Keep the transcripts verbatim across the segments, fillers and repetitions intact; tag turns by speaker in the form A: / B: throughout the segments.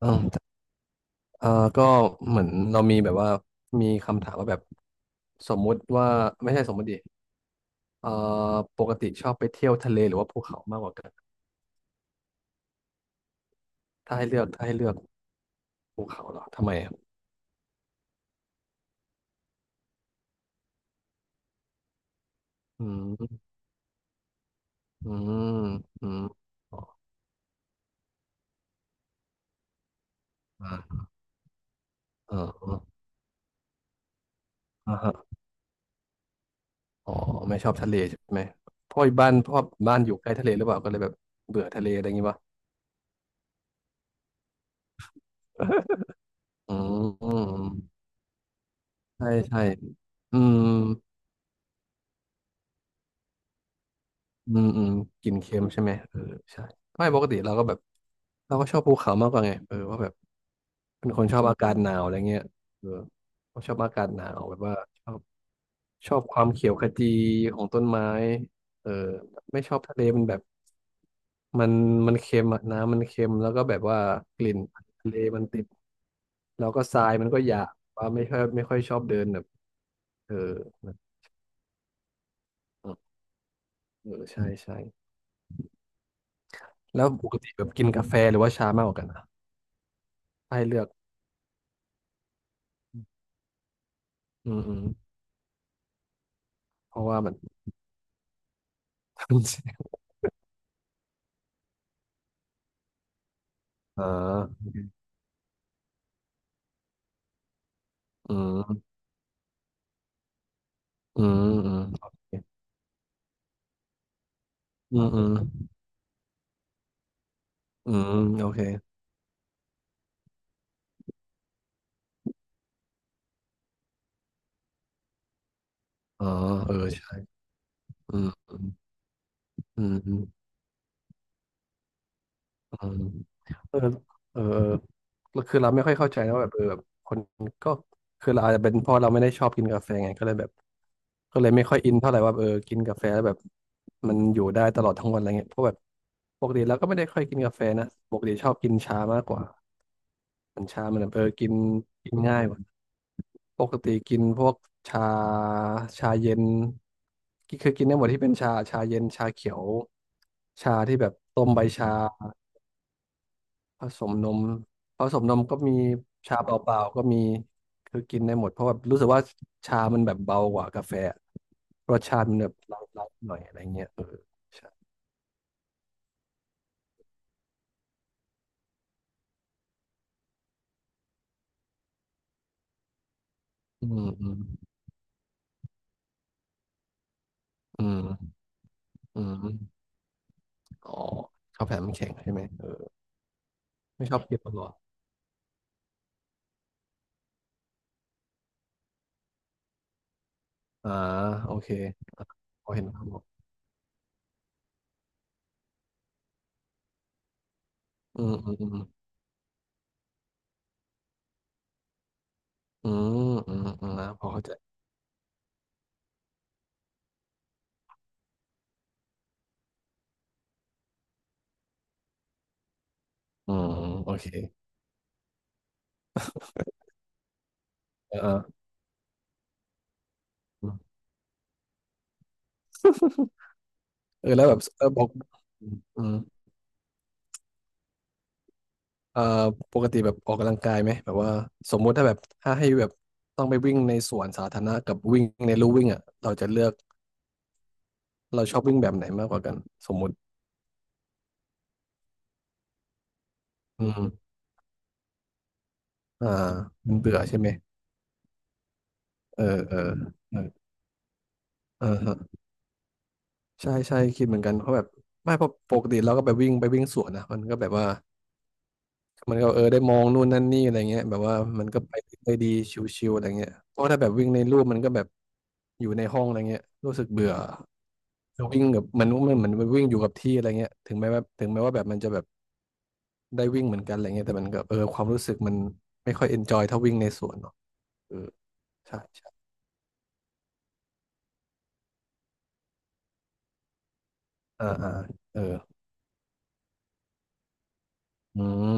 A: เออเออก็เหมือนเรามีแบบว่ามีคำถามว่าแบบสมมุติว่าไม่ใช่สมมติดิเออปกติชอบไปเที่ยวทะเลหรือว่าภูเขามากกว่ากันถ้าให้เลือกถ้าให้เลือกภูเขาเหรอทำไมอะอืมอืมอืมอ๋ออ่าเอออ่าฮะอ๋อไม่ชอบทะเลใช่ไหมเพราะบ้านเพราะบ้านอยู่ใกล้ทะเลหรือเปล่าก็เลยแบบเบื่อทะเลอะไรอย่างงี้ปะอืมอืมใช่ใช่อืม อืมอืมกินเค็มใช่ไหมเออใช่ไม่ปกติเราก็แบบเราก็ชอบภูเขามากกว่าไงเออว่าแบบเป็นคนชอบอากาศหนาวอะไรเงี้ยเออผมชอบอากาศหนาวแบบว่าชอบชอบความเขียวขจีของต้นไม้เออไม่ชอบทะเลมันแบบมันมันเค็มอะน้ำมันเค็มแล้วก็แบบว่ากลิ่นทะเลมันติดแล้วก็ทรายมันก็หยาบว่าไม่ค่อยไม่ค่อยชอบเดินแบบเออเออเออใช่ใช่แล้วปกติแบบกินกาแฟหรือว่าชามากกว่ากันอะให้เลือกอืม เพราะว่ามัน อ่าอืมอืมอืมโอเคอืมอืมอืมโอเคอ๋อเออใช่อืมอืมอืมอืมอืมเออเออเออแล้วคือเราไม่ค่อยเข้าใจนะว่าแบบเออแบบคนก็คือเราอาจจะเป็นเพราะเราไม่ได้ชอบกินกาแฟไงก็เลยแบบก็เลยไม่ค่อยอินเท่าไหร่ว่าเออกินกาแฟแล้วแบบมันอยู่ได้ตลอดทั้งวันอะไรเงี้ยเพราะแบบปกติเราก็ไม่ได้ค่อยกินกาแฟนะปกติชอบกินชามากกว่ามันชามันแบบเออกินกินง่ายกว่า ปกติกินพวกชาชาเย็นกิคือกินได้หมดที่เป็นชาชาเย็นชาเขียวชาที่แบบต้มใบชาผสมนมผสมนมก็มีชาเปล่าๆก็มีคือกินได้หมดเพราะว่ารู้สึกว่าชามันแบบเบากว่ากาแฟรสชาติมันแบบไลท์ๆหน่อยอะไรเงี้ยเออใช่อืมอืมอืมอืมอ๋อชอบแผ่นมันำแข็งใช่ไหมเออไม่ชอบกินตลอดอ่าโอเคพอเห็นภาพออกอืมอืมอืม อืมอืมอืมนะพอเข้าใจอืมโอเคเออเออเออแล้วแบบเออบอกอืมอืมเอ่อปกติแบบออกกำลังกายไหมแบบว่าสมมุติถ้าแบบถ้าให้แบบต้องไปวิ่งในสวนสาธารณะกับวิ่งในลู่วิ่งอ่ะเราจะเลือกเราชอบวิ่งแบบไหนมากกว่ากันสมมุติอืมอ่ามันเบื่อใช่ไหมเออเออเออเออฮะใช่ใช่คิดเหมือนกันเพราะแบบไม่เพราะปกติเราก็ไปวิ่งไปวิ่งสวนนะมันก็แบบว่า มันก็เออได้มองนู่นนั่นนี่อะไรเงี้ยแบบว่ามันก็ไปได้ดีชิวๆอะไรเงี้ยเพราะถ้าแบบวิ่งในรูปมันก็แบบอยู่ในห้องอะไรเงี้ยรู้สึกเบื่อวิ่งแบบมันมันเหมือนวิ่งอยู่กับที่อะไรเงี้ยถึงแม้ว่าถึงแม้ว่าแบบมันจะแบบได้วิ่งเหมือนกันอะไรเงี้ยแต่มันก็เออความรู้สึกมันไม่ค่อยเอนจอยเท่าวิ่งในสวนเนาะเออใช่ใช่อ่าอ่าเอออืม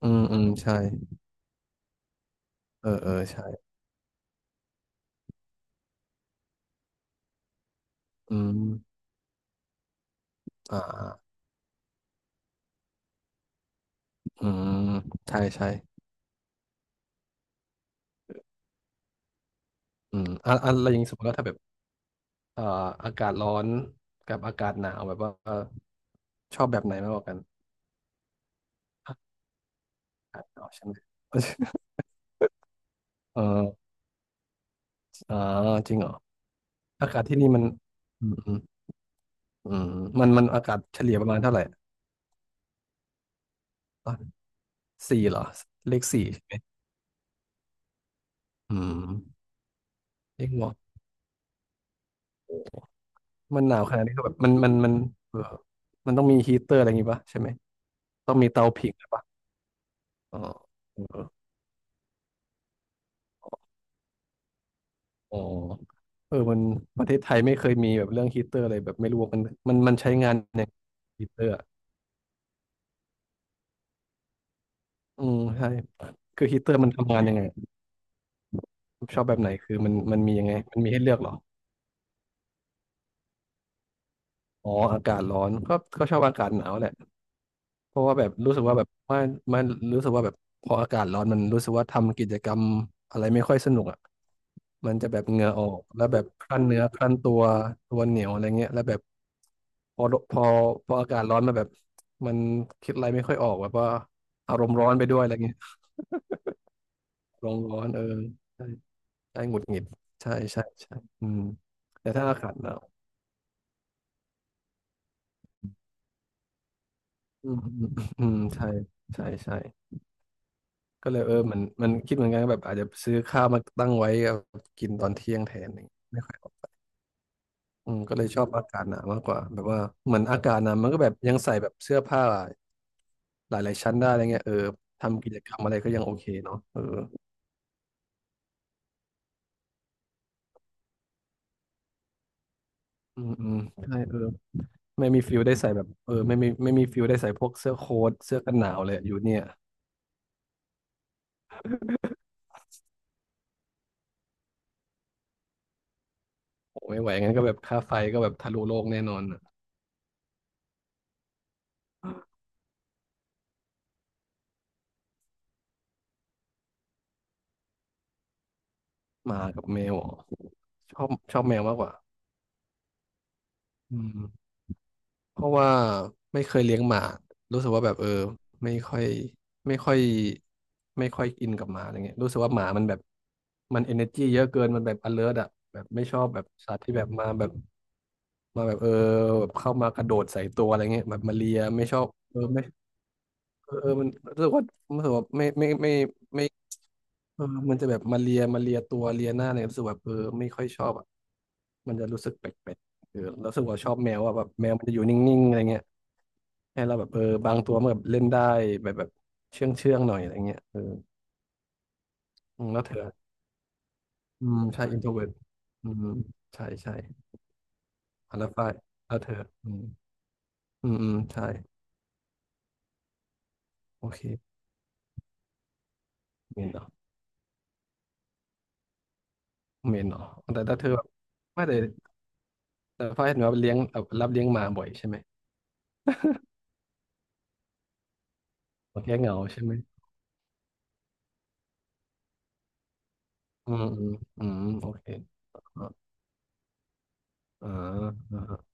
A: อืมอืมใช่เออเออใช่อืมอ่าอ่าอืมใช่ใช่อืมอ่ะอ่ะอะไรอย่างงี้สมมติว่าถ้าแบบ เอ่ออากาศร้อนกับอากาศหนาวแบบว่าเอ่อชอบแบบไหนมากกว่ากันอากาศหนาวใช่ไหม เอออ่าจริงเหรออากาศที่นี่มันอืมอืมอืมมันมันอากาศเฉลี่ยประมาณเท่าไหร่อ่ะสี่เหรอเลขสี่ใช่ไหมอืมเลขหมอกมันหนาวขนาดนี้ก็แบบมันมันมันเออมันต้องมีฮีเตอร์อะไรอย่างงี้ปะใช่ไหมต้องมีเตาผิงอะไรปะอ๋อเอออ๋อเออมันประเทศไทยไม่เคยมีแบบเรื่องฮีเตอร์อะไรแบบไม่รู้ว่ามันมันมันใช้งานยังไงฮีเตอร์ อืมใช่คือฮีตเตอร์มันทำงานยังไงชอบแบบไหนคือมันมันมียังไงมันมีให้เลือกเหรออ๋ออากาศร้อนก็ก็ชอบอากาศหนาวแหละเพราะว่าแบบรู้สึกว่าแบบมันมันรู้สึกว่าแบบพออากาศร้อนมันรู้สึกว่าทำกิจกรรมอะไรไม่ค่อยสนุกอ่ะมันจะแบบเหงื่อออกแล้วแบบครั่นเนื้อครั่นตัวตัวเหนียวอะไรเงี้ยแล้วแบบพอพอพออากาศร้อนมาแบบมันคิดอะไรไม่ค่อยออกแบบว่าอารมณ์ร้อนไปด้วยอะไรเงี้ยอารมณ์ร้อนเออ ใช่หงุดหงิดใช่ใช่ใช่อืมแต่ถ้าอากาศหนาวอืมอืมอืมใช่ใช่ใช่ก็เลยเออมันมันคิดเหมือนกันแบบอาจจะซื้อข้าวมาตั้งไว้เอากินตอนเที่ยงแทนนี่ไม่ค่อยออกอืมก็เลยชอบอากาศหนาวมากกว่าแบบว่าเหมือนอากาศหนาวมันก็แบบยังใส่แบบเสื้อผ้าหลายๆชั้นได้อะไรเงี้ยเออทำกิจกรรมอะไรก็ยังโอเคเนาะเอออืมอืมใช่เออไม่มีฟิลได้ใส่แบบเออไม่มีไม่มีฟิลได้ใส่พวกเสื้อโค้ทเสื้อกันหนาวเลยอยู่เนี่ย โอ้ไม่ไหวงั้นก็แบบค่าไฟก็แบบทะลุโลกแน่นอนอะหมากับแมวอ๋อชอบชอบแมวมากกว่าอืมเพราะว่าไม่เคยเลี้ยงหมารู้สึกว่าแบบเออไม่ค่อยไม่ค่อยไม่ค่อยอินกับหมาอะไรเงี้ยรู้สึกว่าหมามันแบบมันเอเนอร์จีเยอะเกินมันแบบ alert อะแบบไม่ชอบแบบสัตว์ที่แบบมาแบบมาแบบเออแบบเข้ามากระโดดใส่ตัวอะไรเงี้ยแบบมาเลียไม่ชอบเออไม่เออเออมันรู้สึกว่ารู้สึกว่าไม่ไม่ไม่ไม่ เออมันจะแบบมาเลียมาเลียตัวเลียหน้าเนี่ยรู้สึกแบบเออไม่ค่อยชอบอ่ะมันจะรู้สึกแปลกๆเออแล้วรู้สึกว่าชอบแมวอ่ะแบบแมวมันจะอยู่นิ่งๆอะไรเงี้ยให้เราแบบเออบางตัวมันแบบเล่นได้แบบแบบเชื่องเชื่องหน่อยอะไรเงี้ยเอออืมแล้วเธออืมใช่อินโทรเวิร์ตอืมใช่ใช่อัลฟายแล้วเธออืมอืมอืมใช่โอเคเมนเหรอเมนเหรอแต่ถ้าเธอแบบไม่แต่แต่ฟ้ายเห็นว่าเลี้ยงแบบรับเลี้ยงหมาบ่อยใช่ไหมโอเคเหงาใช่ไหมอืมอืมอืมโอเคอ่าอ่า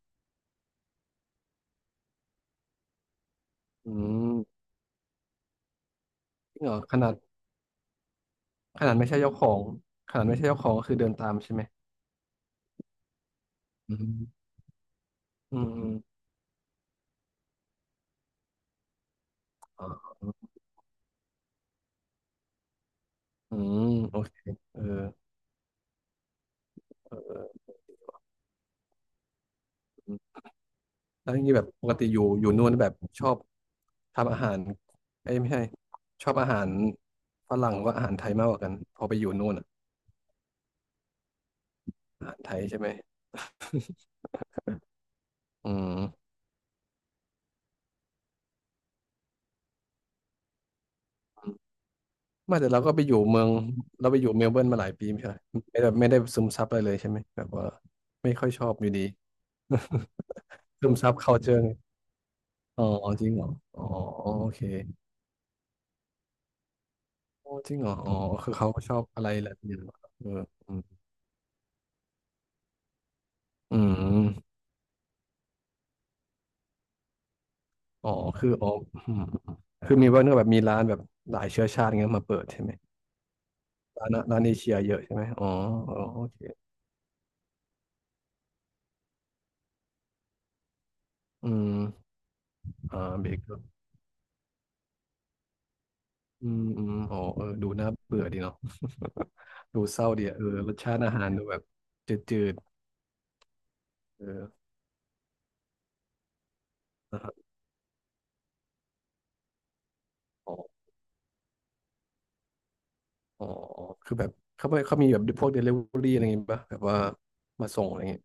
A: อืมจริงเหรอขนาดขนาดไม่ใช่เจ้าของขนาดไม่ใช่เจ้าของก็คือเดินตามใช่ไหมอืมอืมอืมอ๋ออืมโอเคเออเออแล้วอย่างนี้แบบปกติอยู่อยู่นู่นแบบชอบทำอาหารเอ้ยไม่ใช่ชอบอาหารฝรั่งหรือว่าอาหารไทยมากกว่ากันพอไปอยู่นู่นอะอาหารไทยใช่ไหมอืมไมาแต่เราก็ไปอยู่เมืองเราไปอยู่เมลเบิร์นมาหลายปีไม่ใช่เหรอไม่ได้ไม่ได้ซึมซับอะไรเลยใช่ไหมแบบว่าไม่ค่อยชอบอยู่ดี ซึมซับ culture อ๋อจริงเหรออ๋อโอเคโอ้จริงเหรออ๋อคือเขาก็ชอบอะไรแหละนี่เหรอเอออืมอืมอ๋อคืออ๋ออืมคือมีว่าเนื้องแบบมีร้านแบบหลายเชื้อชาติเงี้ยมาเปิดใช่ไหมร้านร้านเอเชียเยอะใช่ไหมอ๋ออ๋อโอเคอืมอ่าเบเกอร์อืมอืมอ๋อเออดูน่าเบื่อดีเนาะ ดูเศร้าดีอะเออรสชาติอาหารดูแบบจืดๆเออนะครับ อ๋อคือแบบเขาไม่เขามีแบบพวกเดลิเวอรี่อะไรอย่างงี้ป่ะแบบว่ามาส่งอะไรเงี้ย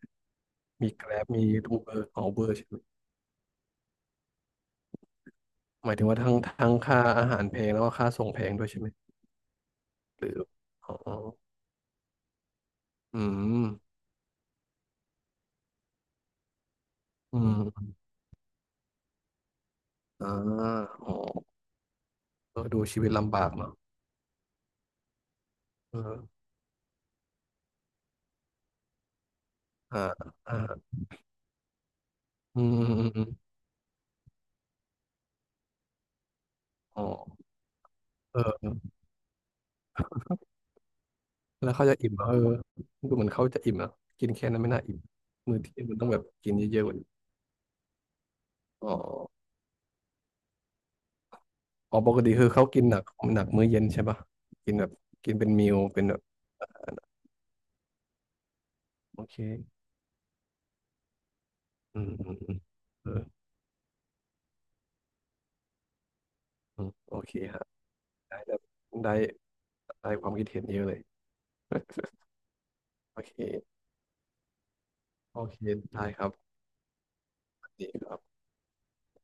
A: มีแกร็บมีอูเบอร์ของอูเบอร์ใช่ไหมหมายถึงว่าทั้งทั้งค่าอาหารแพงแล้วก็ค่าส่งแพงด้วยใช่ไหมหรืออ๋ออืมอืมอ่าอ๋อเออดูชีวิตลำบากเนาะเอออ่าอ่าอืมอืมอืมอมอ๋อเออแล้วเขาจะอิ่มเหรอเออดูเหมือนเขาจะอิ่มนะกินแค่นั้นไม่น่าอิ่มมื้อเที่ยงมันต้องแบบกินเยอะๆกว่านี้อ๋อ อ๋อปกติคือเขากินหนักหนักมื้อเย็นใช่ปะกินแบบกินเป็นมิลเป็นแบบโอเคอืมอืมอืมเอออืมโอเคฮะได้แบบได้ได้ความคิดเห็นเยอะเลย โอเคโอเคได้ครับดีครับ